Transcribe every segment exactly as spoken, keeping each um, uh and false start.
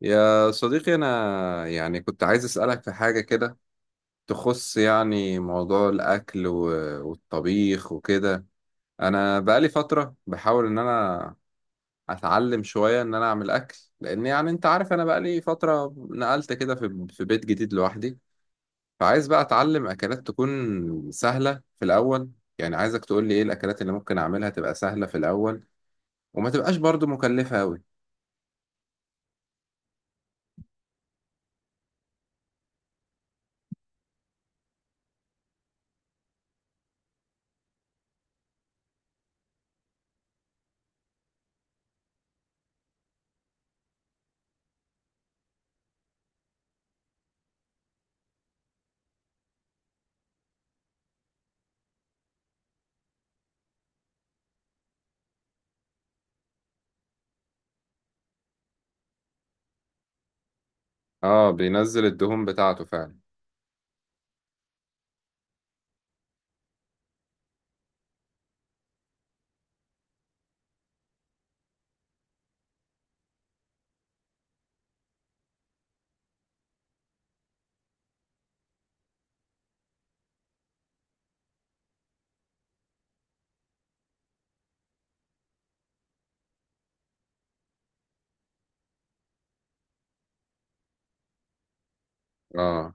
يا صديقي، أنا يعني كنت عايز أسألك في حاجة كده تخص يعني موضوع الأكل و- والطبيخ وكده. أنا بقالي فترة بحاول إن أنا أتعلم شوية إن أنا أعمل أكل، لأن يعني أنت عارف أنا بقالي فترة نقلت كده في في بيت جديد لوحدي. فعايز بقى أتعلم أكلات تكون سهلة في الأول. يعني عايزك تقول لي إيه الأكلات اللي ممكن أعملها تبقى سهلة في الأول، وما تبقاش برضو مكلفة أوي. آه، بينزل الدهون بتاعته فعلا. آه.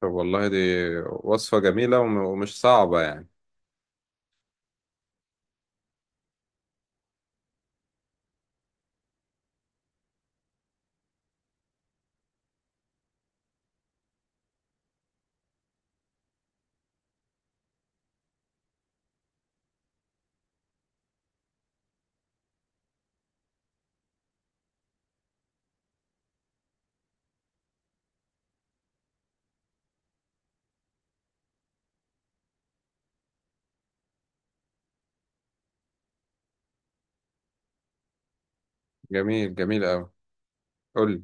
طب والله دي وصفة جميلة وم- ومش صعبة يعني. جميل جميل أوي. قول لي.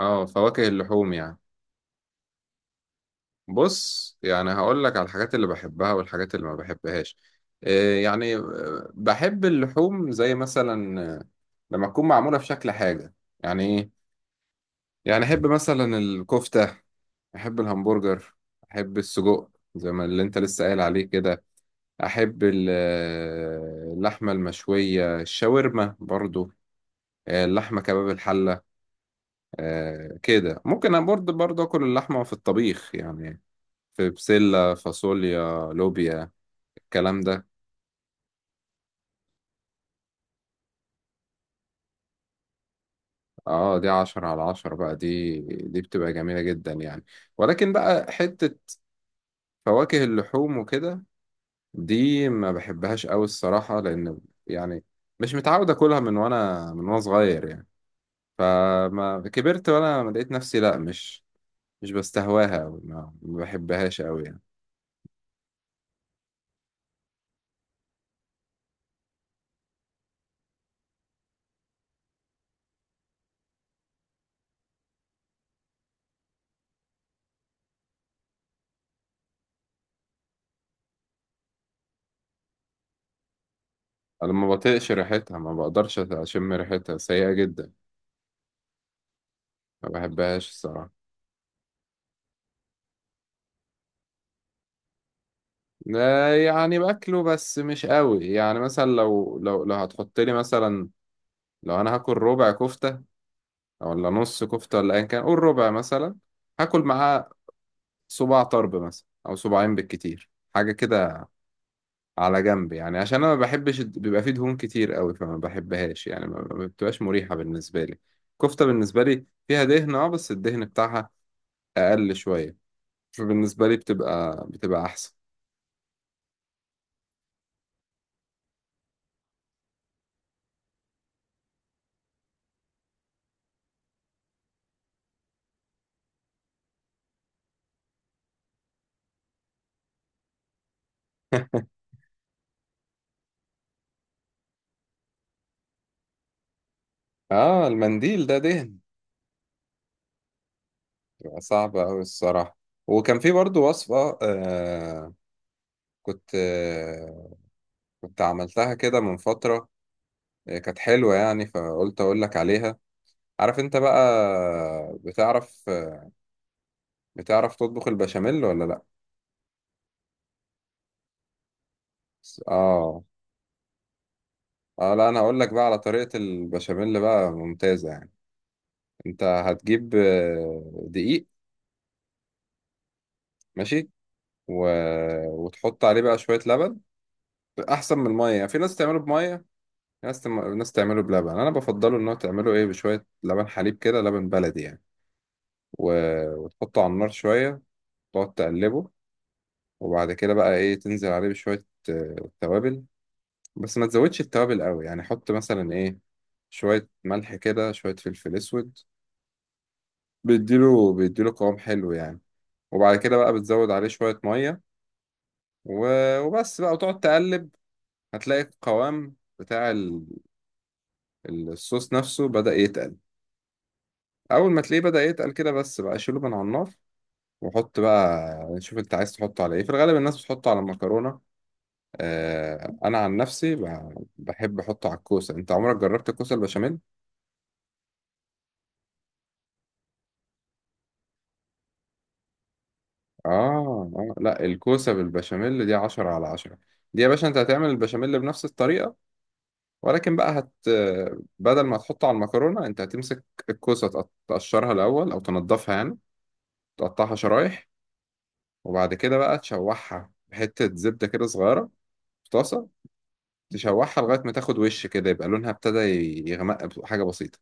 اه، فواكه اللحوم يعني. بص، يعني هقول لك على الحاجات اللي بحبها والحاجات اللي ما بحبهاش. إيه يعني، آه، بحب اللحوم، زي مثلا آه، لما تكون معمولة في شكل حاجة، يعني ايه يعني. احب مثلا الكفتة، احب الهمبرجر، احب السجق زي ما اللي انت لسه قايل عليه كده، احب ال- آه، اللحمة المشوية، الشاورما برضو، آه، اللحمة كباب الحلة. آه، كده ممكن أنا برضه برضه أكل اللحمة في الطبيخ يعني، في بسلة، فاصوليا، لوبيا، الكلام ده. اه، دي عشرة على عشرة بقى. دي دي بتبقى جميلة جدا يعني. ولكن بقى حتة فواكه اللحوم وكده، دي ما بحبهاش أوي الصراحة، لأن يعني مش متعود أكلها من وأنا من وأنا صغير يعني. فما كبرت وأنا لقيت نفسي لأ، مش مش بستهواها أوي، ما ما بحبهاش أوي يعني. انا ما بطيقش ريحتها، ما بقدرش اشم ريحتها، سيئة جدا. ما بحبهاش الصراحة. لا يعني باكله بس مش قوي يعني، مثلا لو لو لو هتحط لي مثلا، لو انا هاكل ربع كفتة او ولا نص كفتة ولا ايا كان، قول ربع مثلا، هاكل معاه صباع طرب مثلا او صباعين بالكتير، حاجة كده على جنب، يعني عشان انا ما بحبش الد- بيبقى فيه دهون كتير قوي، فما بحبهاش يعني، ما ما بتبقاش مريحة بالنسبة لي. كفتة بالنسبة لي فيها دهن اه، بس الدهن بتاعها اقل شوية، فبالنسبة لي بتبقى بتبقى أحسن. اه، المنديل ده دهن. بتبقى صعبة أوي الصراحة. وكان في برضو وصفة. آه كنت. آه كنت عملتها كده من فترة. آه كانت حلوة يعني، فقلت أقول لك عليها. عارف أنت بقى؟ بتعرف بتعرف تطبخ البشاميل ولا لأ؟ اه. اه، لا انا هقول لك بقى على طريقة البشاميل بقى ممتازة يعني. انت هتجيب آه، دقيق. ماشي. و... وتحط عليه بقى شوية لبن، احسن من الميه يعني. في ناس تعمله بميه، في ناس تم... ناس تعمله بلبن. انا بفضله ان هو تعمله ايه بشويه لبن حليب كده، لبن بلدي يعني. و... وتحطه على النار شويه، تقعد تقلبه. وبعد كده بقى ايه، تنزل عليه بشويه آه، توابل. بس ما تزودش التوابل قوي يعني، حط مثلا ايه، شويه ملح كده، شويه فلفل اسود، بيديله بيديله قوام حلو يعني. وبعد كده بقى بتزود عليه شويه ميه، و... وبس بقى، وتقعد تقلب. هتلاقي القوام بتاع ال- الصوص نفسه بدأ يتقل. اول ما تلاقيه بدأ يتقل كده، بس بقى شيله من على النار، وحط بقى. شوف انت عايز تحطه على ايه. في الغالب الناس بتحطه على المكرونة. آه، انا عن نفسي ب- بحب احطه على الكوسة. انت عمرك جربت الكوسة البشاميل؟ اه. آه، لا، الكوسة بالبشاميل دي عشرة على عشرة. دي يا باشا، انت هتعمل البشاميل بنفس الطريقة، ولكن بقى هت بدل ما تحطه على المكرونة، انت هتمسك الكوسة، تقط- تقشرها الاول او تنضفها يعني، تقطعها شرايح. وبعد كده بقى تشوحها بحتة زبدة كده صغيرة في طاسه، تشوحها لغاية ما تاخد وش كده، يبقى لونها ابتدى يغمق بحاجة بسيطة.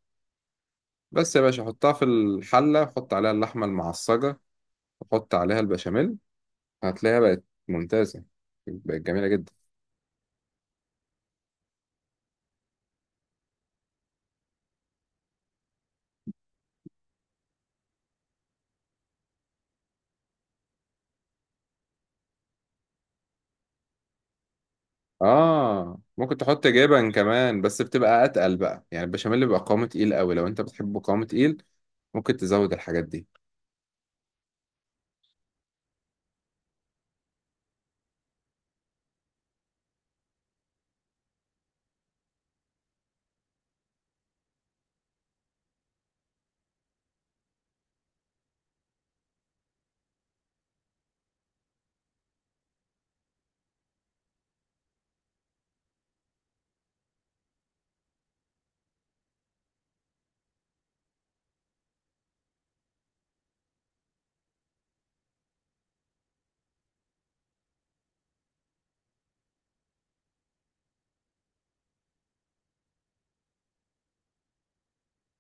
بس يا باشا، حطها في الحلة، حط عليها اللحمة المعصجة، وحط عليها البشاميل، هتلاقيها بقت ممتازة، بقت جميلة جدا. اه، ممكن تحط جبن كمان، بس بتبقى اتقل بقى يعني، البشاميل بيبقى قوامه تقيل قوي. لو انت بتحبه قوامه تقيل، ممكن تزود الحاجات دي.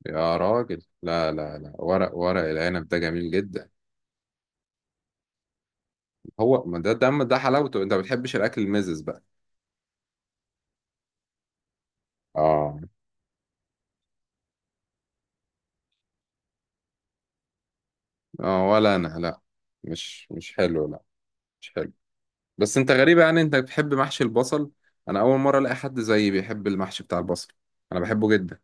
يا راجل، لا لا لا، ورق ورق العنب ده جميل جدا. هو ما ده ده ده حلاوته. انت ما بتحبش الاكل المزز بقى. اه. اه ولا انا، لا، مش مش حلو، لا، مش حلو. بس انت غريب يعني، انت بتحب محشي البصل. انا اول مره الاقي حد زيي بيحب المحشي بتاع البصل، انا بحبه جدا.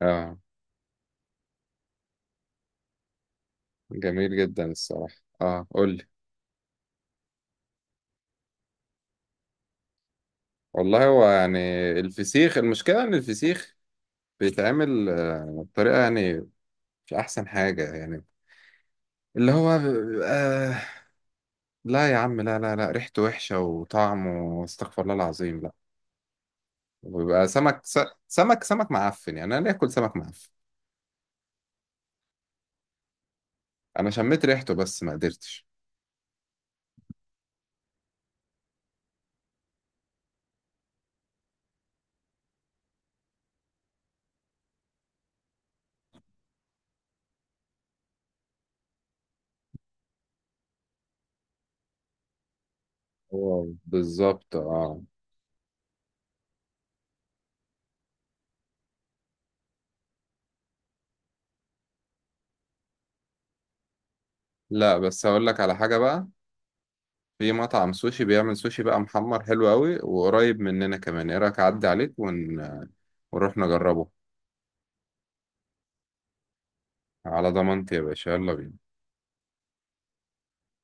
اه، جميل جدا الصراحه. اه، قول لي. والله هو يعني، الفسيخ المشكله ان الفسيخ بيتعمل آه، بطريقه يعني مش احسن حاجه يعني، اللي هو آه. لا يا عم، لا لا لا، ريحته وحشه وطعمه استغفر الله العظيم، لا. وبيبقى سمك س- سمك سمك معفن يعني، انا ليه اكل سمك معفن؟ انا شميت ريحته بس ما قدرتش. واو، بالظبط اه. لا، بس هقول لك على حاجة بقى. في مطعم سوشي بيعمل سوشي بقى محمر حلو قوي، وقريب مننا كمان، ايه رأيك اعدي عليك ون... ونروح نجربه؟ على ضمانتي يا باشا، يلا بينا.